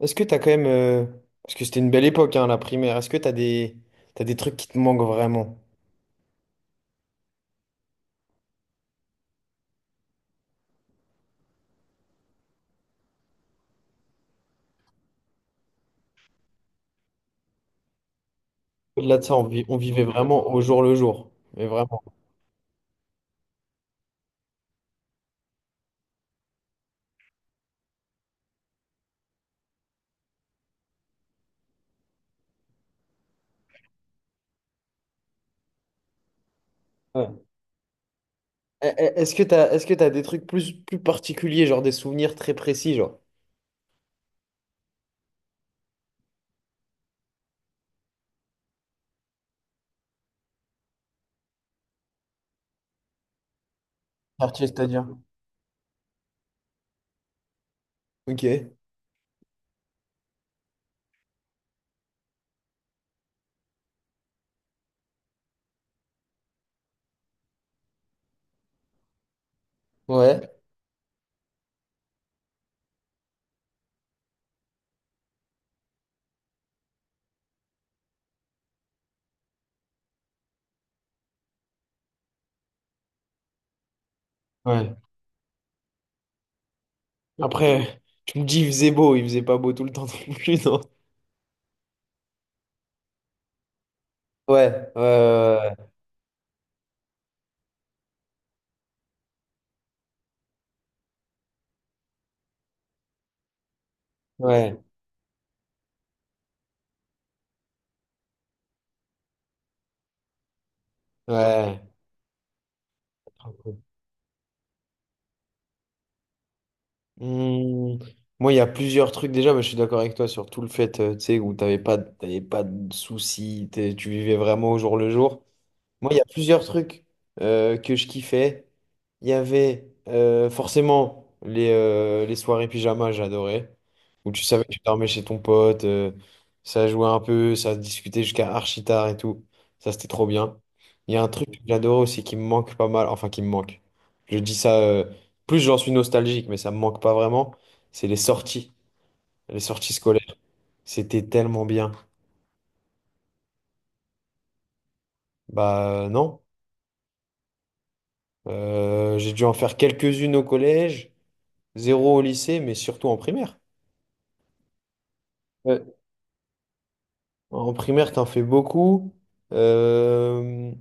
Est-ce que t'as quand même, parce que c'était une belle époque, hein, la primaire, est-ce que t'as des trucs qui te manquent vraiment? Au-delà de ça, on vivait vraiment au jour le jour, mais vraiment. Ouais. Est-ce que est-ce que t'as des trucs plus particuliers, genre des souvenirs très précis, genre? Quartier, c'est-à-dire? Ok. Ouais. Ouais. Après, tu me dis, il faisait beau, il faisait pas beau tout le temps non plus, non? Ouais, ouais, ouais, ouais, ouais. Ouais. Hmm, Moi, il y a plusieurs trucs déjà, mais je suis d'accord avec toi sur tout le fait, tu sais, où t'avais pas de soucis, tu vivais vraiment au jour le jour. Moi, il y a plusieurs trucs que je kiffais. Il y avait forcément les soirées pyjama, j'adorais. Où tu savais que tu dormais chez ton pote, ça jouait un peu, ça discutait jusqu'à archi tard et tout. Ça, c'était trop bien. Il y a un truc que j'adorais aussi qui me manque pas mal, enfin qui me manque. Je dis ça, plus j'en suis nostalgique, mais ça me manque pas vraiment. C'est les sorties scolaires. C'était tellement bien. Bah non. J'ai dû en faire quelques-unes au collège. Zéro au lycée, mais surtout en primaire. Ouais. En primaire, t'en fais beaucoup. Euh,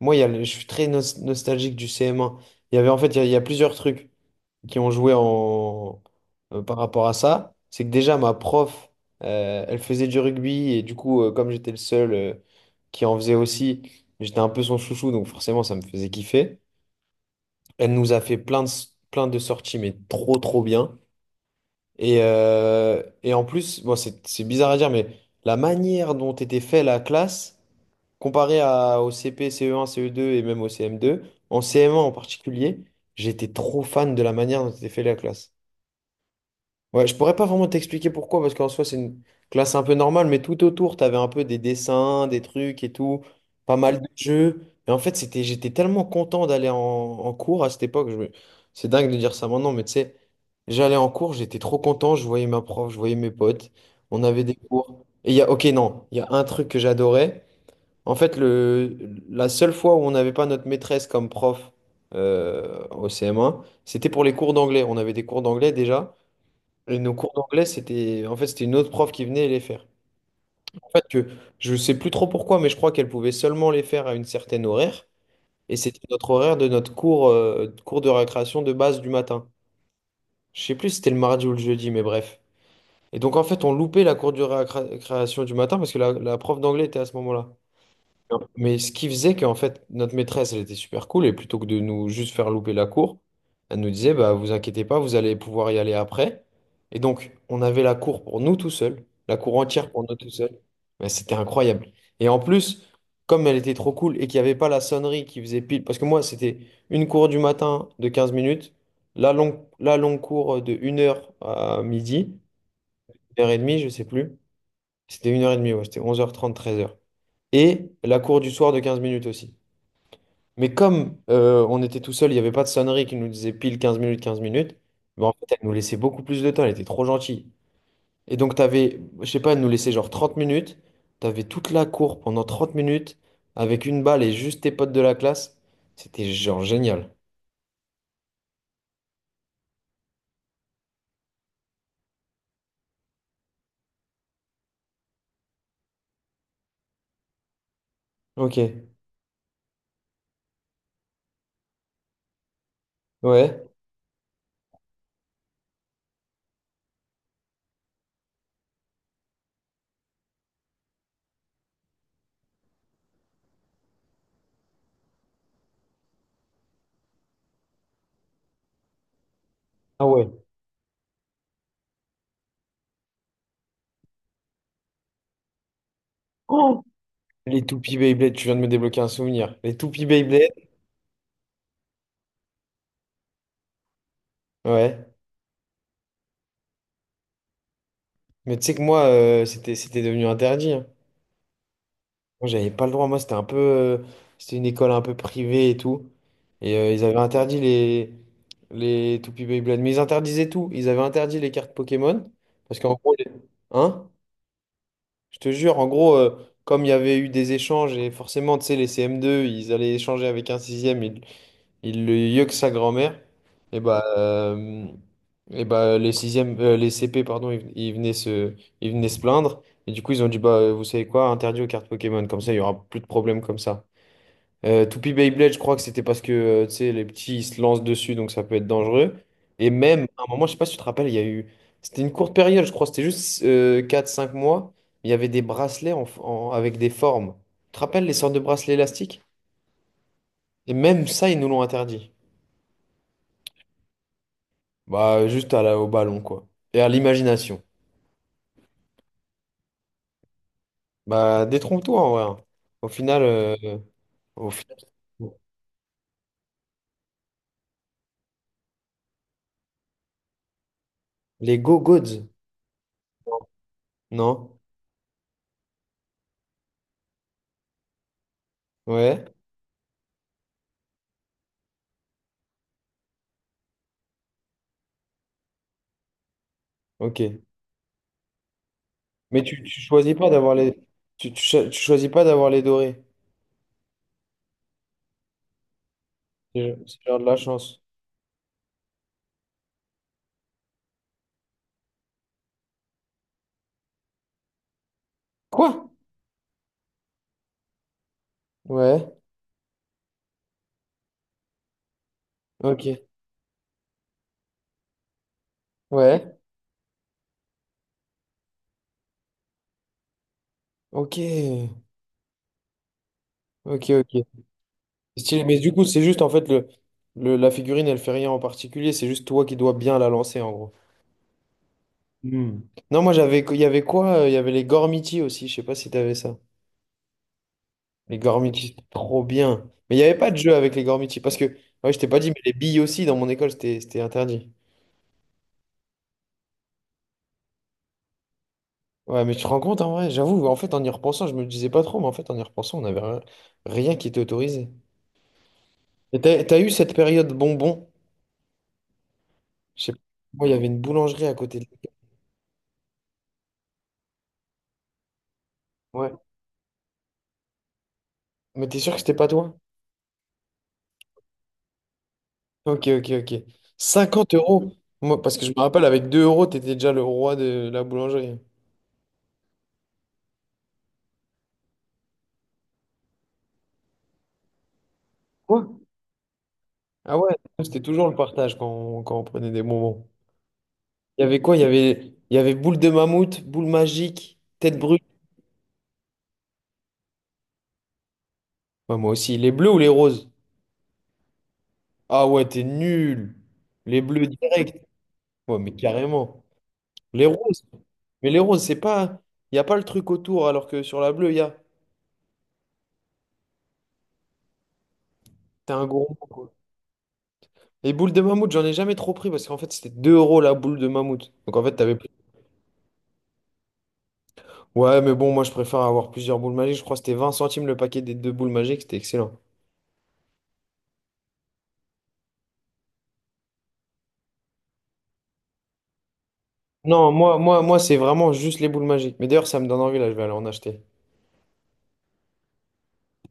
Moi, il y a le- je suis très nostalgique du CM1. Il y avait en fait, Il y a plusieurs trucs qui ont joué en par rapport à ça. C'est que déjà, ma prof, elle faisait du rugby et du coup, comme j'étais le seul qui en faisait aussi, j'étais un peu son chouchou, donc forcément, ça me faisait kiffer. Elle nous a fait plein de sorties, mais trop, trop bien. Et en plus, bon, c'est bizarre à dire, mais la manière dont était fait la classe, comparée au CP, CE1, CE2 et même au CM2, en CM1 en particulier, j'étais trop fan de la manière dont était fait la classe. Ouais, je pourrais pas vraiment t'expliquer pourquoi, parce qu'en soi, c'est une classe un peu normale, mais tout autour, t'avais un peu des dessins, des trucs et tout, pas mal de jeux. Et en fait, j'étais tellement content d'aller en cours à cette époque. C'est dingue de dire ça maintenant, mais tu sais, j'allais en cours, j'étais trop content, je voyais ma prof, je voyais mes potes, on avait des cours. Et il y a, ok, non, il y a un truc que j'adorais. En fait, la seule fois où on n'avait pas notre maîtresse comme prof au CM1, c'était pour les cours d'anglais. On avait des cours d'anglais déjà. Et nos cours d'anglais, c'était une autre prof qui venait les faire. En fait, que je sais plus trop pourquoi, mais je crois qu'elle pouvait seulement les faire à une certaine horaire. Et c'était notre horaire de notre cours de récréation de base du matin. Je sais plus si c'était le mardi ou le jeudi, mais bref. Et donc, en fait, on loupait la cour de récréation du matin parce que la prof d'anglais était à ce moment-là. Mais ce qui faisait qu'en fait, notre maîtresse, elle était super cool, et plutôt que de nous juste faire louper la cour, elle nous disait, bah, vous inquiétez pas, vous allez pouvoir y aller après. Et donc, on avait la cour pour nous tout seuls, la cour entière pour nous tout seuls. Mais c'était incroyable. Et en plus, comme elle était trop cool et qu'il n'y avait pas la sonnerie qui faisait pile, parce que moi, c'était une cour du matin de 15 minutes, la longue cour de une heure à midi, 1 h demie je sais plus. C'était 1h30, ouais, c'était 11h30 13h. Et la cour du soir de 15 minutes aussi. Mais comme on était tout seul, il n'y avait pas de sonnerie qui nous disait pile 15 minutes, 15 minutes, mais en fait, elle nous laissait beaucoup plus de temps, elle était trop gentille. Et donc, t'avais, je sais pas, elle nous laissait genre 30 minutes, t'avais toute la cour pendant 30 minutes, avec une balle et juste tes potes de la classe. C'était genre génial. Ok, ouais. Ah ouais. Oh, les toupies Beyblade, tu viens de me débloquer un souvenir. Les toupies Beyblade, ouais. Mais tu sais que moi, c'était devenu interdit, hein. Moi, j'avais pas le droit. Moi, c'était une école un peu privée et tout. Et ils avaient interdit les Toupee Beyblade. Mais ils interdisaient tout. Ils avaient interdit les cartes Pokémon. Parce qu'en gros. Hein? Je te jure, en gros, comme il y avait eu des échanges, et forcément, tu sais, les CM2, ils allaient échanger avec un sixième. Ils il le mieux que sa grand-mère. Et bah, les sixièmes, les CP, pardon, ils venaient se plaindre. Et du coup, ils ont dit, bah, vous savez quoi, interdit aux cartes Pokémon. Comme ça, il y aura plus de problèmes comme ça. Toupie Beyblade, je crois que c'était parce que, tu sais, les petits, ils se lancent dessus, donc ça peut être dangereux. Et même, à un moment, je sais pas si tu te rappelles, il y a eu. C'était une courte période, je crois, c'était juste quatre cinq mois. Il y avait des bracelets avec des formes. Tu te rappelles les sortes de bracelets élastiques? Et même ça, ils nous l'ont interdit. Bah, juste au ballon, quoi. Et à l'imagination. Bah, détrompe-toi, en vrai, hein. Au final, au final, les go-gods, non? Ouais, ok. Mais tu choisis pas d'avoir les. Tu choisis pas d'avoir les dorés. C'est genre de la chance. Quoi? Ouais, ok. Ouais, ok. Ok, ok. Stylé. Mais du coup, c'est juste, en fait, la figurine, elle fait rien en particulier. C'est juste toi qui dois bien la lancer, en gros. Hmm. Non, il y avait quoi? Il y avait les Gormiti aussi, je sais pas si t'avais ça. Les Gormiti, c'était trop bien. Mais il n'y avait pas de jeu avec les Gormiti parce que, ouais, je t'ai pas dit, mais les billes aussi dans mon école, c'était interdit. Ouais, mais tu te rends compte en vrai, j'avoue, en fait en y repensant, je me disais pas trop, mais en fait en y repensant, on n'avait rien, rien qui était autorisé. Et t'as eu cette période bonbon? Je sais pas, moi il y avait une boulangerie à côté de l'école. Ouais. Mais t'es sûr que c'était pas toi? Ok, ok, ok. 50 euros? Moi, parce que je me rappelle, avec 2 euros, t'étais déjà le roi de la boulangerie. Quoi? Ah ouais, nous, c'était toujours le partage quand quand on prenait des bonbons. Il y avait quoi? Il y avait boule de mammouth, boule magique, tête brûlée. Ouais, moi aussi. Les bleus ou les roses? Ah ouais, t'es nul. Les bleus direct. Ouais, mais carrément. Les roses. Mais les roses, c'est pas. Il n'y a pas le truc autour, alors que sur la bleue, il y a. T'es un gourmand, quoi. Les boules de mammouth, j'en ai jamais trop pris parce qu'en fait, c'était 2 euros la boule de mammouth. Donc en fait, t'avais plus. Ouais, mais bon, moi, je préfère avoir plusieurs boules magiques. Je crois que c'était 20 centimes le paquet des deux boules magiques. C'était excellent. Non, c'est vraiment juste les boules magiques. Mais d'ailleurs, ça me donne envie, là, je vais aller en acheter.